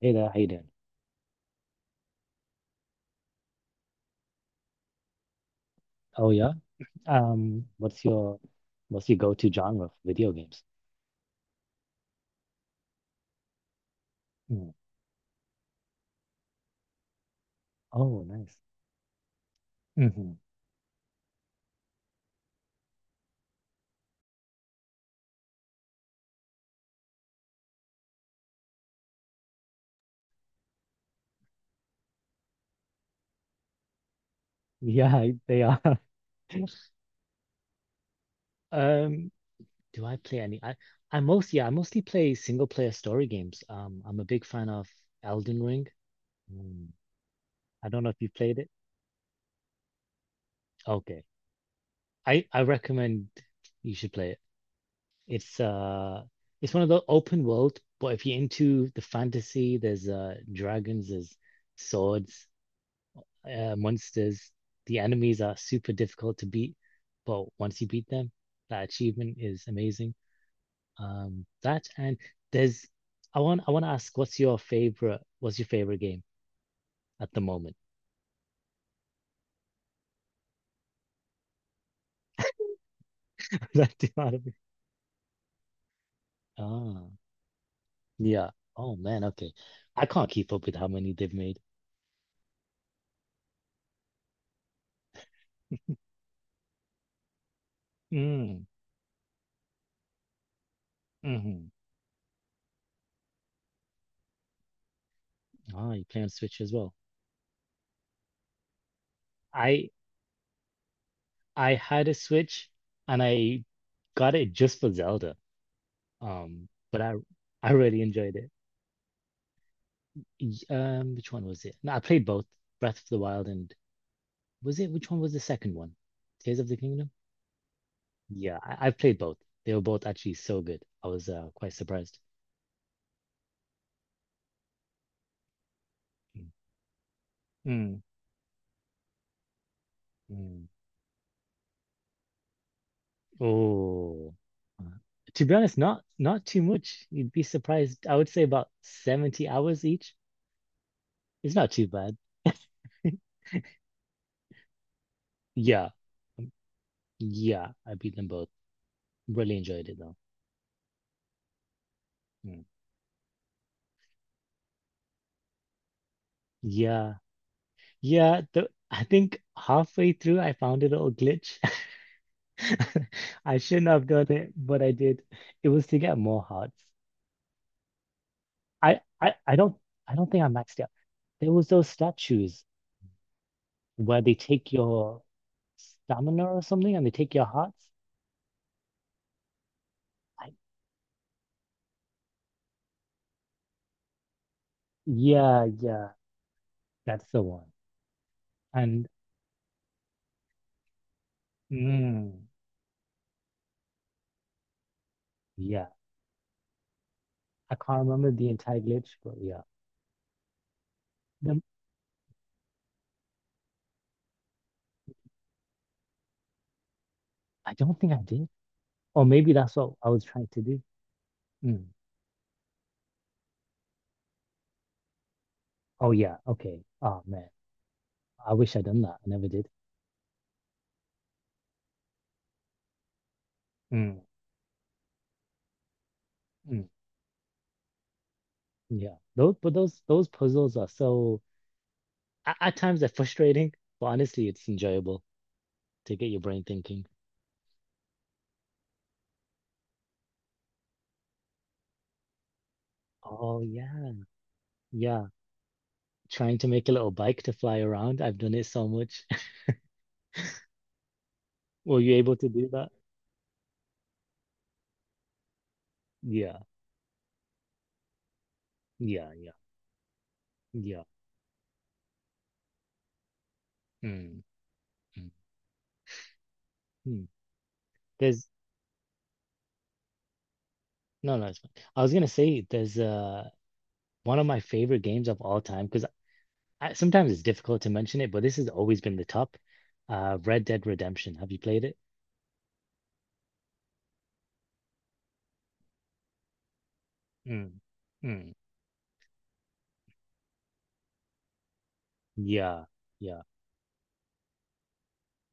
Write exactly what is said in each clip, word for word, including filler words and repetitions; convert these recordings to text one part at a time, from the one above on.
Hey there, how you doing? Oh yeah. Um, what's your what's your go-to genre for video games? Mm. Oh, nice. Hmm. Yeah, they are. Um, do I play any? I I mostly, yeah, I mostly play single player story games. Um, I'm a big fan of Elden Ring. Mm. I don't know if you've played it. Okay. I I recommend you should play it. It's uh it's one of the open world, but if you're into the fantasy, there's uh dragons, there's swords, uh, monsters, the enemies are super difficult to beat, but once you beat them, that achievement is amazing. Um, that and there's, I want I want to ask, what's your favorite? What's your favorite game at the moment? That the anime. Ah, yeah. Oh man, okay. I can't keep up with how many they've made. Mm, hmm Ah, you play on Switch as well. I I had a Switch and I got it just for Zelda. Um, but I I really enjoyed it. Um, which one was it? No, I played both Breath of the Wild and was it which one was the second one? Tears of the Kingdom? Yeah, I, I've played both. They were both actually so good. I was uh, quite surprised. Mm. Mm, mm. Oh. Uh, to be honest, not not too much. You'd be surprised. I would say about seventy hours each. It's not too bad. Yeah, yeah, I beat them both. Really enjoyed it though. Mm. Yeah, yeah. The, I think halfway through, I found a little glitch. I shouldn't have done it, but I did. It was to get more hearts. I, I, I don't I don't think I maxed out. There was those statues where they take your stamina or something and they take your hearts. I, yeah, yeah, that's the one. And mm, yeah, I can't remember the entire glitch, but yeah. Then I don't think I did. Or maybe that's what I was trying to do. Mm. Oh yeah, okay. Oh man. I wish I'd done that. I never did. Mm, mm. Yeah, those but those those puzzles are so at, at times they're frustrating, but honestly, it's enjoyable to get your brain thinking. Oh yeah, yeah. Trying to make a little bike to fly around. I've done it so much. Were you able to do that? Yeah, yeah, yeah, yeah. Mm, mm, mm. There's No, no. It's fine. I was gonna say there's uh one of my favorite games of all time because I, sometimes it's difficult to mention it, but this has always been the top. Uh, Red Dead Redemption. Have you played it? Mm, mm. Yeah, yeah.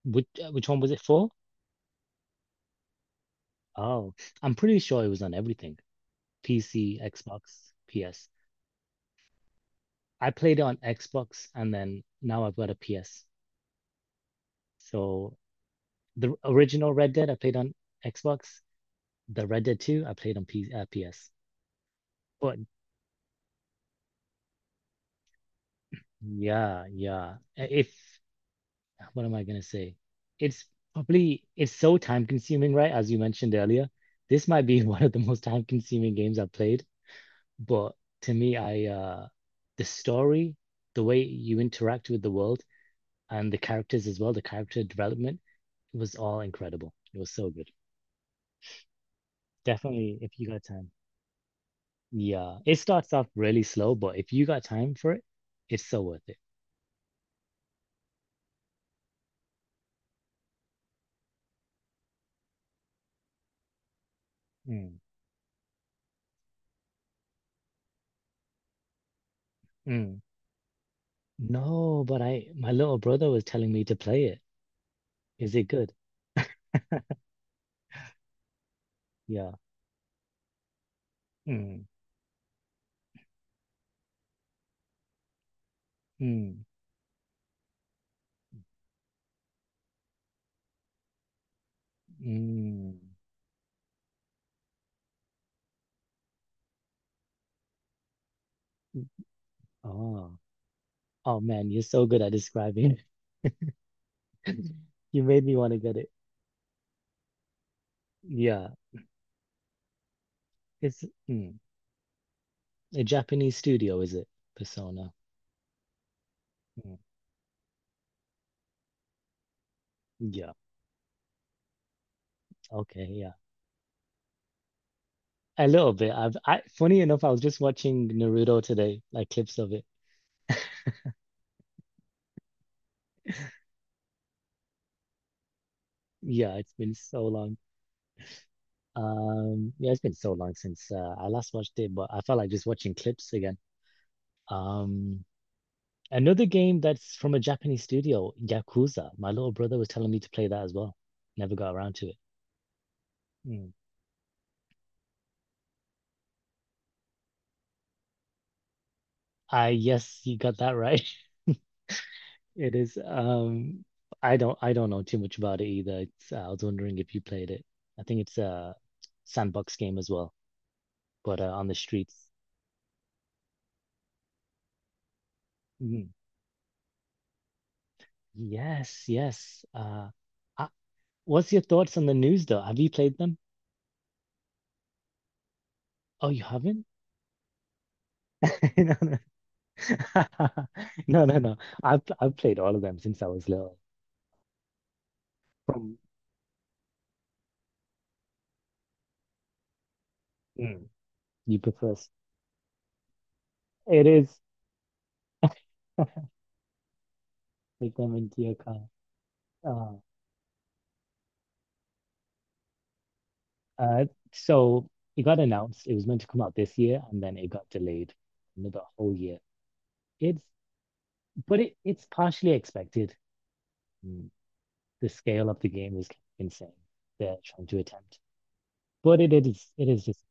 Which uh, which one was it for? Oh, I'm pretty sure it was on everything. P C, Xbox, P S. I played it on Xbox and then now I've got a P S. So the original Red Dead I played on Xbox, the Red Dead two I played on P uh, P S. But yeah, yeah. If what am I gonna say? It's Probably it's so time consuming, right? As you mentioned earlier. This might be one of the most time consuming games I've played. But To me, I uh the story, the way you interact with the world and the characters as well, the character development, it was all incredible. It was so good. Definitely, if you got time. Yeah, it starts off really slow, but if you got time for it, it's so worth it. Mm, mm. No, but I my little brother was telling me to play it. Is it good? Yeah. Mm, mm, mm. Oh, oh man, you're so good at describing. You made me want to get it. Yeah, it's mm. A Japanese studio, is it? Persona. Mm. Yeah. Okay. Yeah. A little bit. I've I funny enough, I was just watching Naruto today, like clips of it. Yeah, it's been so long. Um, yeah, it's been so long since uh, I last watched it, but I felt like just watching clips again. Um, another game that's from a Japanese studio, Yakuza. My little brother was telling me to play that as well. Never got around to it. Mm. I yes, you got that right. It is. Um, I don't. I don't know too much about it either. It's, uh, I was wondering if you played it. I think it's a sandbox game as well, but uh, on the streets. Mm, yes, yes. Uh, uh, what's your thoughts on the news though? Have you played them? Oh, you haven't? No, no, no, no. no. I've I've played all of them since I was little. From mm, you prefer. It is. Take them into your car. Uh, Uh, so it got announced. It was meant to come out this year, and then it got delayed another whole year. It's but it it's partially expected. Mm. The scale of the game is insane. They're trying to attempt, but it is it is just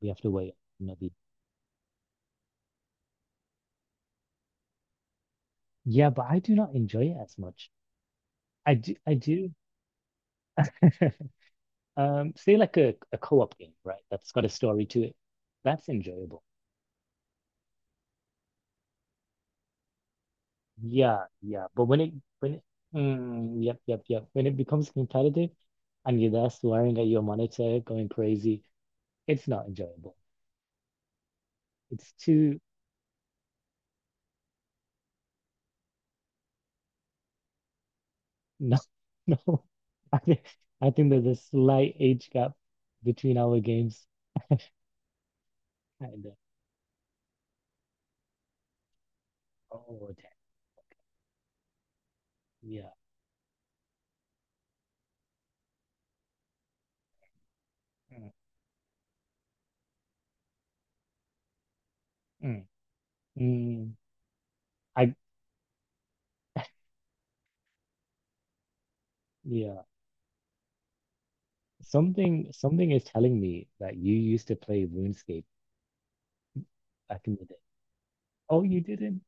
we have to wait another. Yeah, but I do not enjoy it as much. I do I do um, say like a, a co-op game, right? That's got a story to it. That's enjoyable. Yeah, yeah. But when it when it, mm, yep, yep, yep. When it becomes competitive and you're there swearing at your monitor, going crazy, it's not enjoyable. It's too no, no. I think I think there's a slight age gap between our games. And uh, oh, damn, yeah. Mm, mm, mm. I yeah. Something something is telling me that you used to play RuneScape back in the day. Oh, you didn't?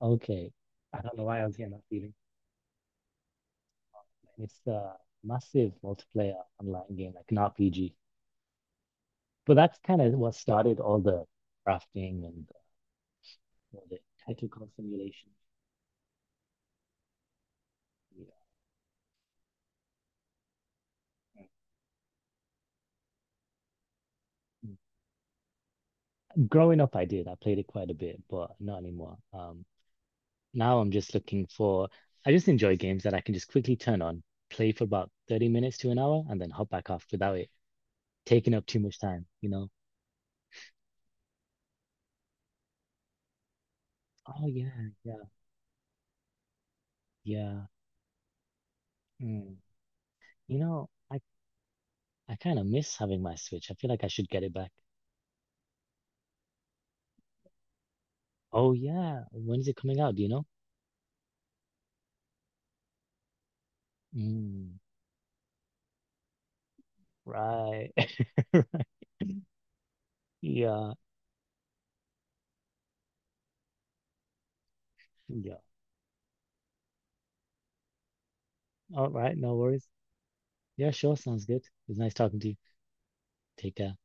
Okay. I don't know why I was getting that. And it's a massive multiplayer online game, like an R P G. But that's kind of what started all the crafting and all the tactical simulation. Yeah. Growing up, I did. I played it quite a bit, but not anymore. Um, now I'm just looking for, I just enjoy games that I can just quickly turn on, play for about thirty minutes to an hour, and then hop back off without it taking up too much time, you know? Oh, yeah, yeah, yeah. Mm. You know, I, I kind of miss having my Switch. I feel like I should get it back. Oh yeah, when is it coming out? Do you know? Mm, right. Yeah, yeah. All right, no worries. Yeah, sure, sounds good. It's nice talking to you. Take care.